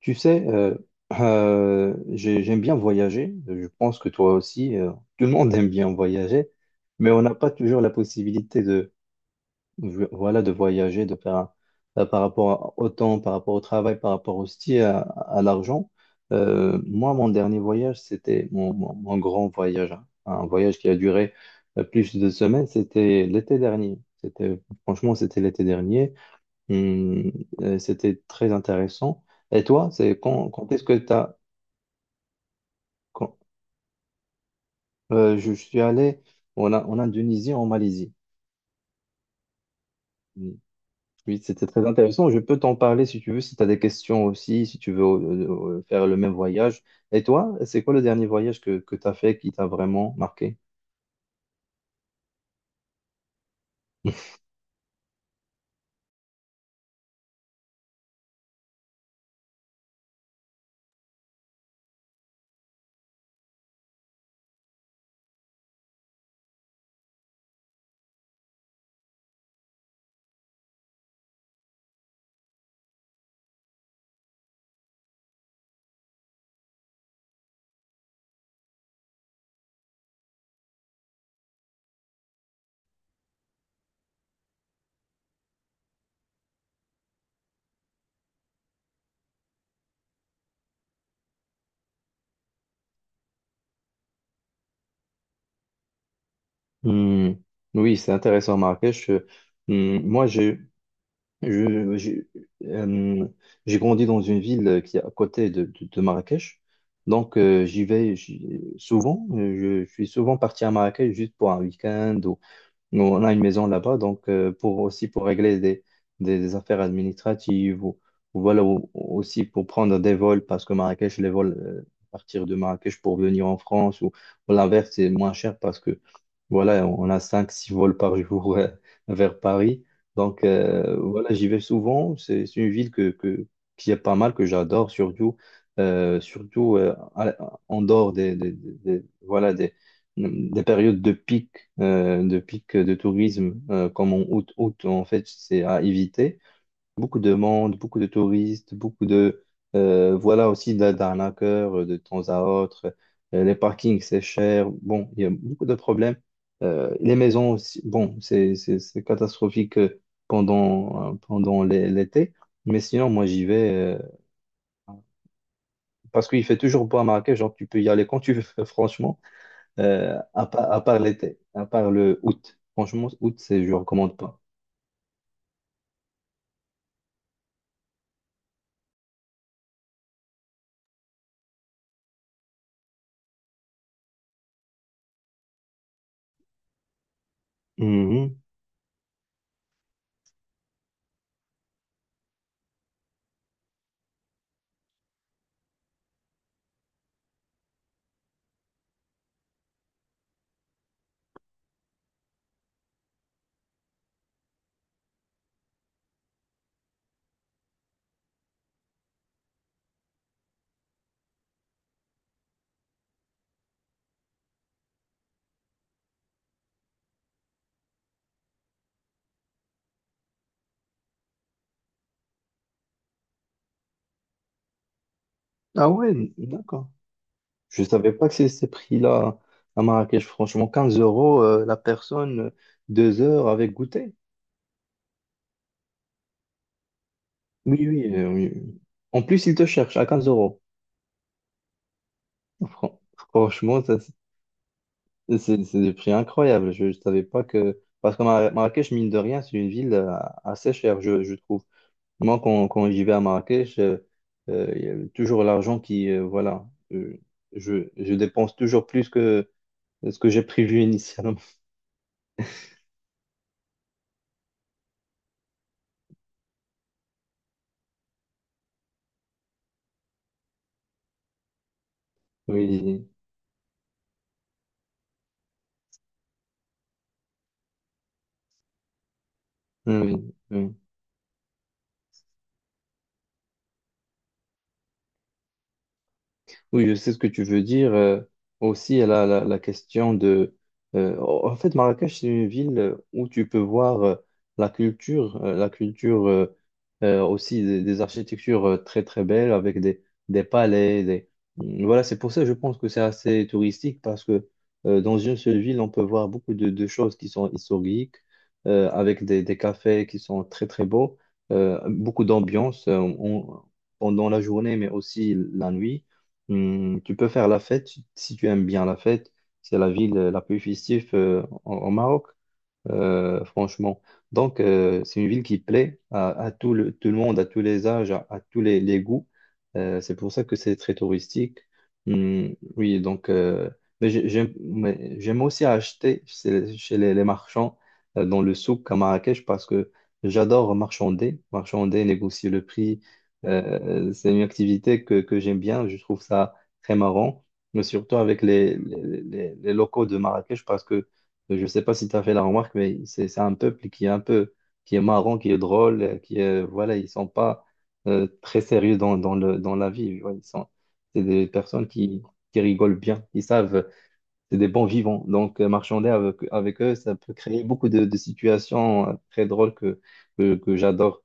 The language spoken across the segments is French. Tu sais, j'aime bien voyager. Je pense que toi aussi, tout le monde aime bien voyager, mais on n'a pas toujours la possibilité de, voilà, de voyager, par rapport au temps, par rapport au travail, par rapport aussi à l'argent. Moi, mon dernier voyage, c'était mon grand voyage, hein. Un voyage qui a duré plus de 2 semaines. C'était l'été dernier. C'était, franchement, c'était l'été dernier. Hum, C'était très intéressant. Et toi, c'est quand est-ce que tu as... Je suis allé en Indonésie, en Malaisie. Hum. Oui, c'était très intéressant. Je peux t'en parler si tu veux, si tu as des questions aussi, si tu veux faire le même voyage. Et toi, c'est quoi le dernier voyage que tu as fait qui t'a vraiment marqué? Hum. Oui, c'est intéressant, Marrakech. Moi, j'ai Je, euh, j'ai grandi dans une ville qui est à côté de Marrakech. Donc, j'y vais souvent. Je suis souvent parti à Marrakech juste pour un week-end. Ou, nous, on a une maison là-bas. Donc, aussi pour régler des affaires administratives. Ou Voilà, ou aussi pour prendre des vols parce que Marrakech, les vols à partir de Marrakech pour venir en France ou l'inverse, c'est moins cher parce que voilà, on a cinq, six vols par jour vers Paris. Donc voilà, j'y vais souvent. C'est une ville qui est pas mal, que j'adore, surtout, en dehors voilà, des périodes de pic, de pic de tourisme, comme en août, en fait, c'est à éviter. Beaucoup de monde, beaucoup de touristes, beaucoup de... voilà aussi d'arnaqueurs de temps à autre. Les parkings, c'est cher. Bon, il y a beaucoup de problèmes. Les maisons aussi, bon, c'est catastrophique pendant l'été. Mais sinon, moi, j'y vais parce qu'il fait toujours beau à Marrakech. Genre, tu peux y aller quand tu veux, franchement. À part l'été, à part le août. Franchement, août, c'est, je recommande pas. Mhm. Ah ouais, d'accord. Je savais pas que c'est ces prix-là à Marrakech. Franchement, 15 € la personne, 2 heures avec goûter. Oui, oui, oui. En plus, ils te cherchent à 15 euros. Fran- Franchement, ça, c'est des prix incroyables. Je ne savais pas que. Parce que Marrakech, mine de rien, c'est une ville assez chère, je trouve. Moi, quand j'y vais à Marrakech, il y a toujours l'argent qui. Voilà. euh, je dépense toujours plus que ce que j'ai prévu initialement. Oui, oui, oui. Oui, je sais ce que tu veux dire. Aussi, la question de... En fait, Marrakech, c'est une ville où tu peux voir la culture aussi des architectures très, très belles avec des palais. Des... mmh, Voilà, c'est pour ça que je pense que c'est assez touristique parce que dans une seule ville, on peut voir beaucoup de choses qui sont historiques, avec des cafés qui sont très, très beaux, beaucoup d'ambiance pendant la journée, mais aussi la nuit. Tu peux faire la fête si tu aimes bien la fête. C'est la ville la plus festive au Maroc franchement. Donc, c'est une ville qui plaît à tout le monde, à tous les âges, à les goûts. C'est pour ça que c'est très touristique. Hmm. Oui, donc, mais j'aime aussi acheter chez les marchands dans le souk à Marrakech parce que j'adore marchander, marchander, négocier le prix. C'est une activité que j'aime bien, je trouve ça très marrant, mais surtout avec les locaux de Marrakech parce que je ne sais pas si tu as fait la remarque, mais c'est un peuple qui est un peu, qui est marrant, qui est drôle, qui est, voilà, ils sont pas très sérieux dans la vie. Ouais, ils sont, c'est des personnes qui rigolent bien, ils savent, c'est des bons vivants. Donc, marchander avec eux, ça peut créer beaucoup de situations très drôles que j'adore.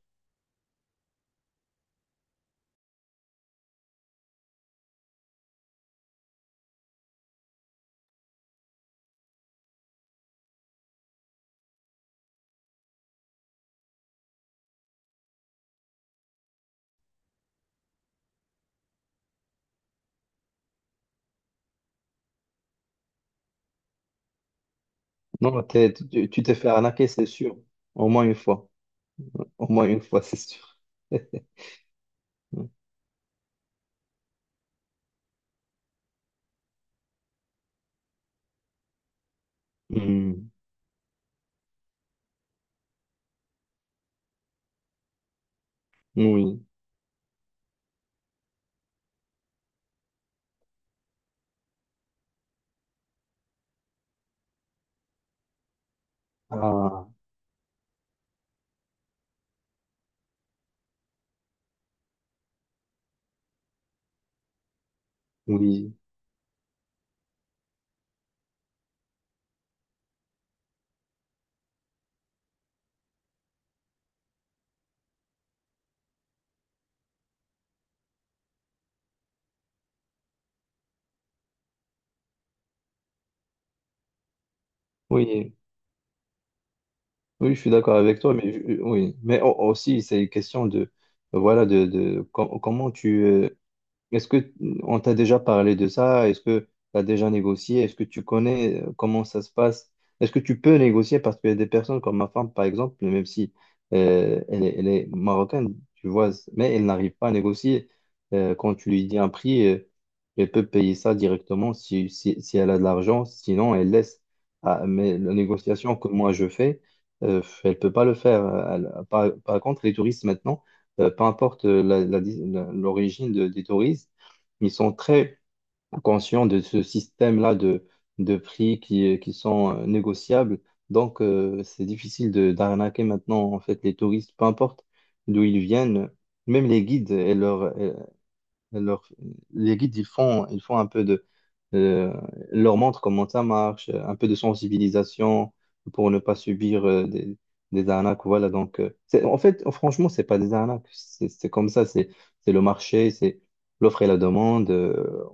Non, tu t'es fait arnaquer, c'est sûr. Au moins une fois. Au moins une fois, c'est sûr. Hmm. Oui. Ah, oui. Oui. Oui, je suis d'accord avec toi, oui, mais aussi c'est une question de voilà de comment tu est-ce que on t'a déjà parlé de ça? Est-ce que tu as déjà négocié? Est-ce que tu connais comment ça se passe? Est-ce que tu peux négocier? Parce qu'il y a des personnes comme ma femme, par exemple, même si elle est marocaine, tu vois, mais elle n'arrive pas à négocier. Quand tu lui dis un prix, elle peut payer ça directement si elle a de l'argent, sinon elle laisse. Ah, mais la négociation que moi je fais, elle peut pas le faire. Par contre, les touristes maintenant, peu importe l'origine des touristes, ils sont très conscients de ce système-là de prix qui sont négociables. Donc, c'est difficile de d'arnaquer maintenant, en fait, les touristes, peu importe d'où ils viennent, même les guides et leur- les guides, ils font un peu de... euh, Ils leur montrent comment ça marche, un peu de sensibilisation pour ne pas subir des arnaques. Voilà, donc, en fait, franchement, c'est pas des arnaques. C'est comme ça, c'est le marché, c'est l'offre et la demande.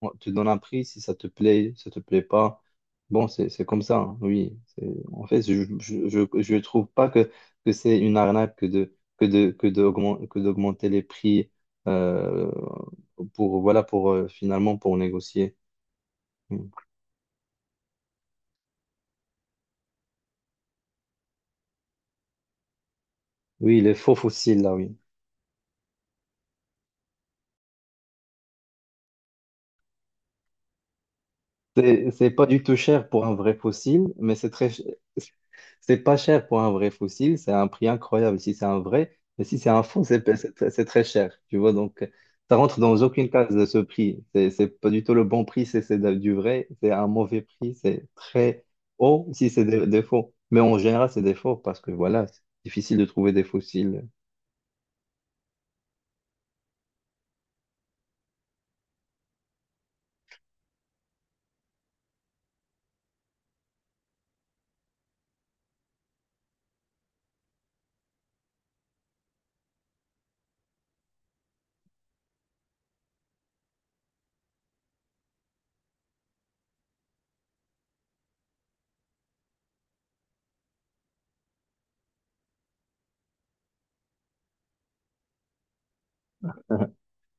On te donne un prix si ça te plaît, si ça te plaît pas. Bon, c'est comme ça, hein, oui. En fait, je trouve pas que c'est une arnaque que d'augmenter les prix euh, pour voilà pour finalement pour négocier. Mm. Oui, les faux fossiles là, oui. C'est pas du tout cher pour un vrai fossile, C'est pas cher pour un vrai fossile, c'est un prix incroyable si c'est un vrai, mais si c'est un faux, c'est très cher, tu vois. Donc, ça rentre dans aucune case de ce prix. C'est pas du tout le bon prix si c'est du vrai, c'est un mauvais prix, c'est très haut si c'est des faux. Mais en général, c'est des faux parce que voilà, c'est difficile de trouver des fossiles.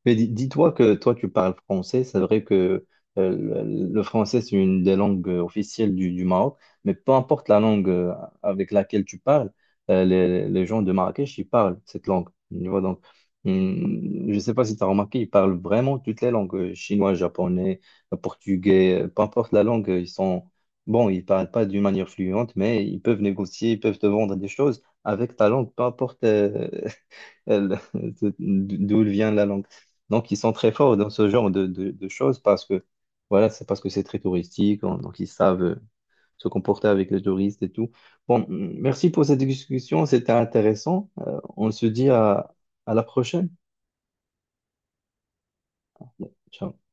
Mais dis-toi que toi, tu parles français. C'est vrai que euh, le français, c'est une des langues officielles du Maroc. Mais peu importe la langue avec laquelle tu parles, les gens de Marrakech, ils parlent cette langue. Tu vois, donc, je ne sais pas si tu as remarqué, ils parlent vraiment toutes les langues, chinois, japonais, portugais, peu importe la langue, ils sont... Bon, ils ne parlent pas d'une manière fluente, mais ils peuvent négocier, ils peuvent te vendre des choses avec ta langue, peu importe, elle- d'où vient la langue. Donc, ils sont très forts dans ce genre de choses parce que, voilà, c'est parce que c'est très touristique, donc ils savent se comporter avec les touristes et tout. Bon, merci pour cette discussion, c'était intéressant. On se dit à la prochaine. Ciao.